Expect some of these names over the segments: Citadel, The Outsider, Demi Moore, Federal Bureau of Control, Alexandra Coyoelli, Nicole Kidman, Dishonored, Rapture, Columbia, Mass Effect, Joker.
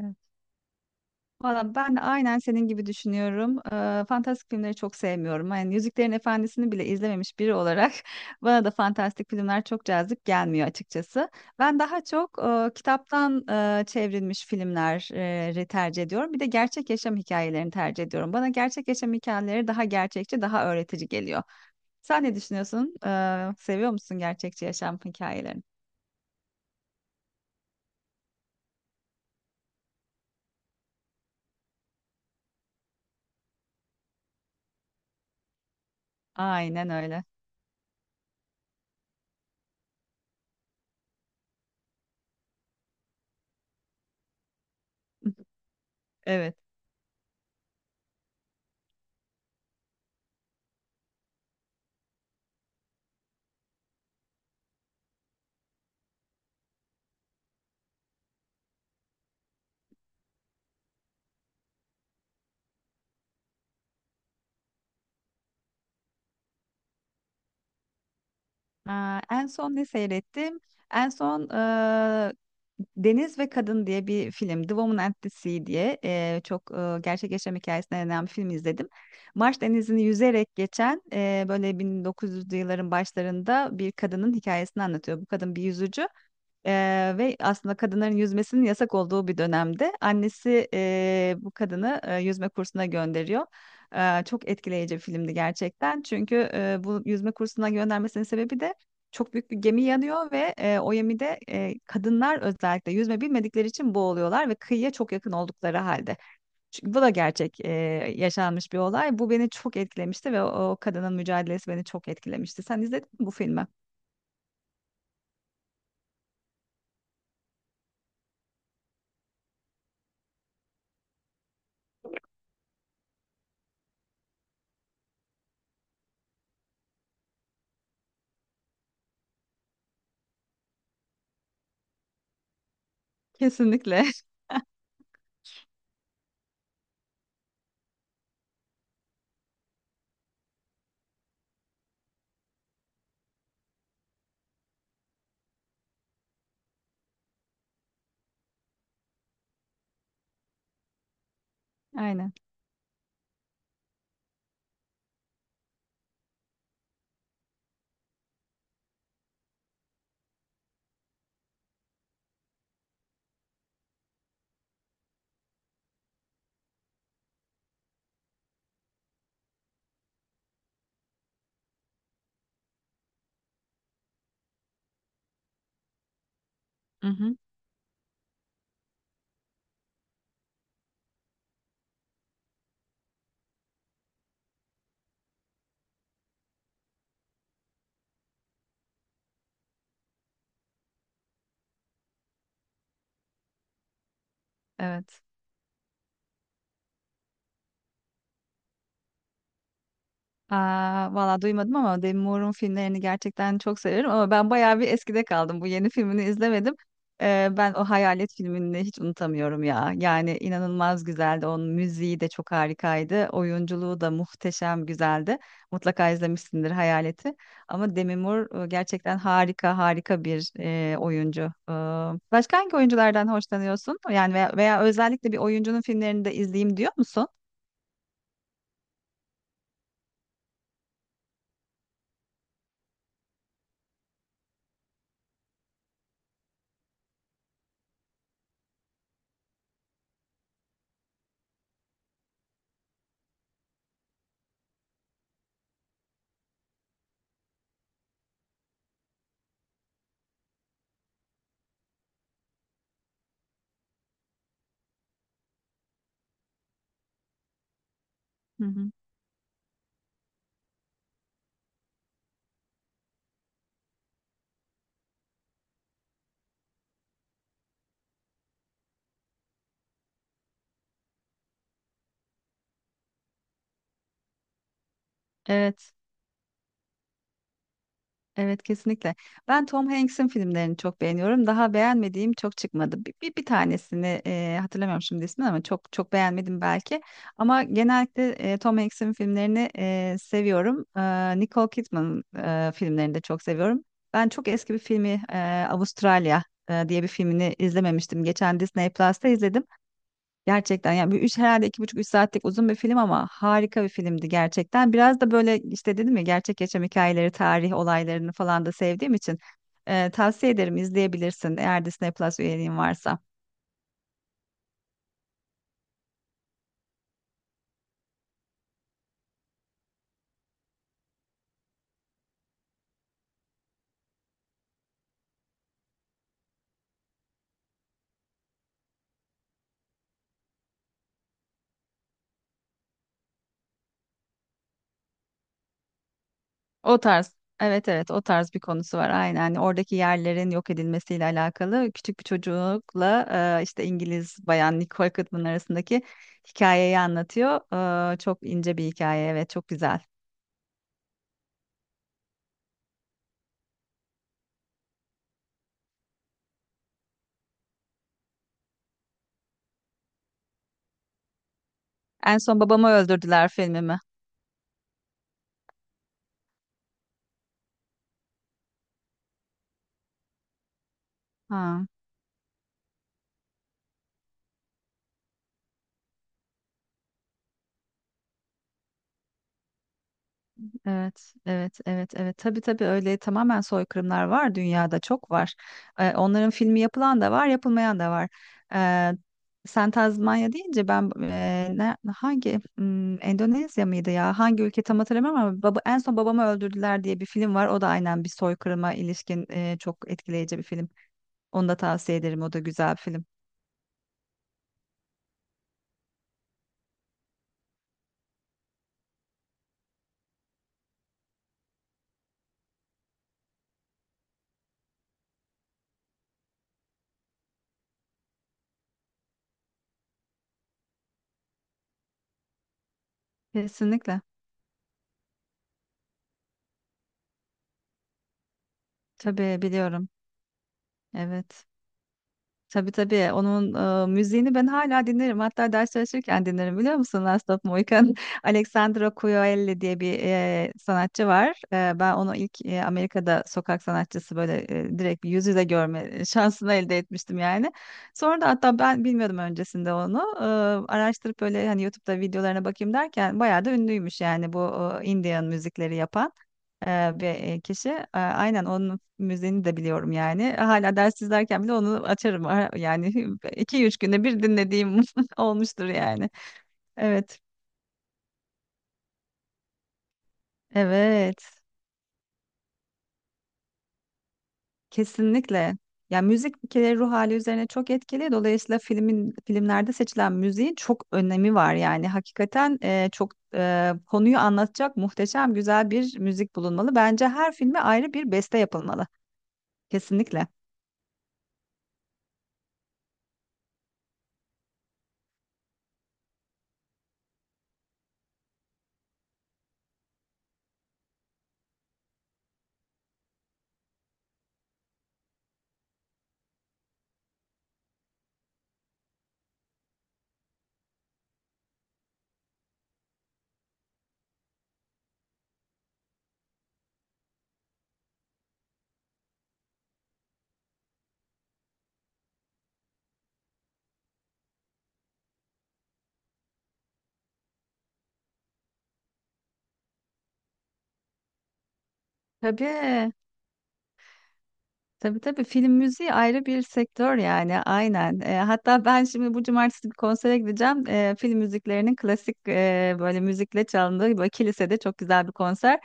Evet. Valla ben de aynen senin gibi düşünüyorum. Fantastik filmleri çok sevmiyorum. Yani Yüzüklerin Efendisi'ni bile izlememiş biri olarak bana da fantastik filmler çok cazip gelmiyor açıkçası. Ben daha çok kitaptan çevrilmiş filmleri tercih ediyorum. Bir de gerçek yaşam hikayelerini tercih ediyorum. Bana gerçek yaşam hikayeleri daha gerçekçi, daha öğretici geliyor. Sen ne düşünüyorsun? Seviyor musun gerçekçi yaşam hikayelerini? Aynen öyle. Evet. Aa, en son ne seyrettim? En son Deniz ve Kadın diye bir film. The Woman and the Sea diye çok gerçek yaşam hikayesine dayanan bir film izledim. Marş Denizi'ni yüzerek geçen böyle 1900'lü yılların başlarında bir kadının hikayesini anlatıyor. Bu kadın bir yüzücü. Ve aslında kadınların yüzmesinin yasak olduğu bir dönemde annesi bu kadını yüzme kursuna gönderiyor. Çok etkileyici bir filmdi gerçekten. Çünkü bu yüzme kursuna göndermesinin sebebi de çok büyük bir gemi yanıyor ve o gemide kadınlar özellikle yüzme bilmedikleri için boğuluyorlar ve kıyıya çok yakın oldukları halde. Çünkü bu da gerçek yaşanmış bir olay. Bu beni çok etkilemişti ve o kadının mücadelesi beni çok etkilemişti. Sen izledin mi bu filmi? Kesinlikle. Aynen. Hı hı, evet. Aa, valla duymadım ama Demi Moore'un filmlerini gerçekten çok severim ama ben bayağı bir eskide kaldım. Bu yeni filmini izlemedim. Ben o Hayalet filmini hiç unutamıyorum ya. Yani inanılmaz güzeldi. Onun müziği de çok harikaydı. Oyunculuğu da muhteşem güzeldi. Mutlaka izlemişsindir Hayalet'i. Ama Demi Moore gerçekten harika harika bir oyuncu. Ee, Başka hangi oyunculardan hoşlanıyorsun? Yani veya özellikle bir oyuncunun filmlerini de izleyeyim diyor musun? Hı hı. Evet. Evet kesinlikle. Ben Tom Hanks'in filmlerini çok beğeniyorum. Daha beğenmediğim çok çıkmadı. Bir tanesini hatırlamıyorum şimdi ismini ama çok çok beğenmedim belki. Ama genellikle Tom Hanks'in filmlerini seviyorum. Nicole Kidman filmlerini de çok seviyorum. Ben çok eski bir filmi Avustralya diye bir filmini izlememiştim. Geçen Disney Plus'ta izledim. Gerçekten yani bir üç herhalde iki buçuk üç saatlik uzun bir film ama harika bir filmdi gerçekten. Biraz da böyle işte dedim ya gerçek yaşam hikayeleri, tarih olaylarını falan da sevdiğim için tavsiye ederim izleyebilirsin eğer Disney Plus üyeliğin varsa. O tarz. Evet evet o tarz bir konusu var aynen. Hani oradaki yerlerin yok edilmesiyle alakalı küçük bir çocukla işte İngiliz bayan Nicole Kidman arasındaki hikayeyi anlatıyor. Çok ince bir hikaye evet çok güzel. En son babamı öldürdüler filmimi. Ha. Evet, evet, evet, evet. Tabii tabii öyle tamamen soykırımlar var dünyada çok var. Onların filmi yapılan da var, yapılmayan da var. Ee, Sen Tazmanya deyince ben Endonezya mıydı ya? Hangi ülke tam hatırlamıyorum ama en son babamı öldürdüler diye bir film var. O da aynen bir soykırıma ilişkin çok etkileyici bir film. Onu da tavsiye ederim. O da güzel bir film. Kesinlikle. Tabii biliyorum. Evet. Tabii tabii. Onun müziğini ben hala dinlerim. Hatta ders çalışırken dinlerim biliyor musun? Last of Mohican. Alexandra Coyoelli diye bir sanatçı var. Ben onu ilk Amerika'da sokak sanatçısı böyle direkt bir yüz yüze görme şansını elde etmiştim yani. Sonra da hatta ben bilmiyordum öncesinde onu. Araştırıp böyle hani YouTube'da videolarına bakayım derken bayağı da ünlüymüş yani bu Indian müzikleri yapan bir kişi. Aynen onun müziğini de biliyorum yani. Hala ders izlerken bile onu açarım. Yani iki üç günde bir dinlediğim olmuştur yani. Evet. Evet. Kesinlikle. Ya müzik bir kere ruh hali üzerine çok etkili. Dolayısıyla filmlerde seçilen müziğin çok önemi var. Yani hakikaten çok konuyu anlatacak muhteşem güzel bir müzik bulunmalı. Bence her filme ayrı bir beste yapılmalı. Kesinlikle. Tabii. Tabii tabii film müziği ayrı bir sektör yani aynen. Hatta ben şimdi bu cumartesi bir konsere gideceğim. Film müziklerinin klasik böyle müzikle çalındığı böyle kilisede çok güzel bir konser.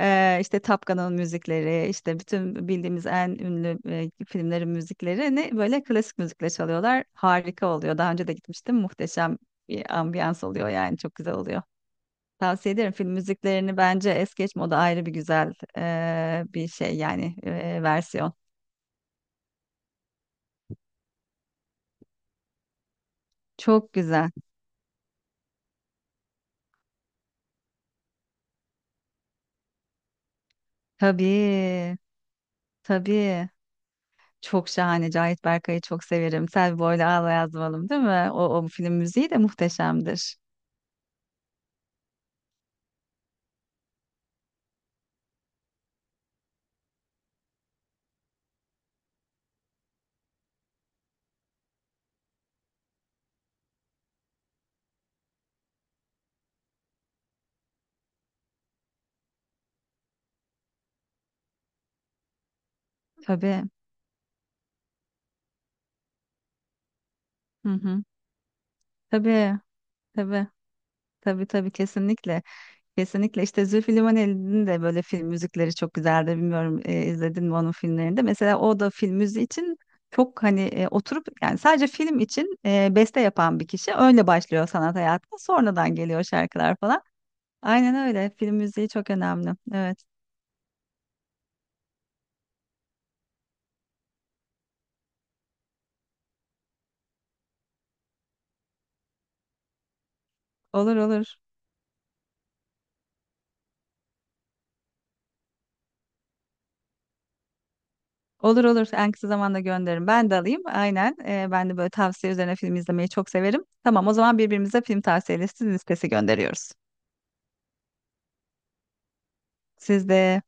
İşte Top Gun'ın müzikleri, işte bütün bildiğimiz en ünlü filmlerin müziklerini böyle klasik müzikle çalıyorlar. Harika oluyor. Daha önce de gitmiştim. Muhteşem bir ambiyans oluyor yani çok güzel oluyor. Tavsiye ederim film müziklerini bence es geçme o da ayrı bir güzel bir şey yani versiyon. Çok güzel. Tabii, tabii. Çok şahane. Cahit Berkay'ı çok severim. Selvi Boylu Ağla Yazmalım değil mi? O film müziği de muhteşemdir. Tabii. Hı hı. Tabii, tabii. Tabii tabii kesinlikle. Kesinlikle işte Zülfü Livaneli'nin de böyle film müzikleri çok güzeldi. Bilmiyorum izledin mi onun filmlerinde. Mesela o da film müziği için çok hani oturup yani sadece film için beste yapan bir kişi. Öyle başlıyor sanat hayatına. Sonradan geliyor şarkılar falan. Aynen öyle. Film müziği çok önemli. Evet. Olur olur. Olur olur. En kısa zamanda gönderirim. Ben de alayım. Aynen. Ben de böyle tavsiye üzerine film izlemeyi çok severim. Tamam, o zaman birbirimize film tavsiye listesi gönderiyoruz. Siz de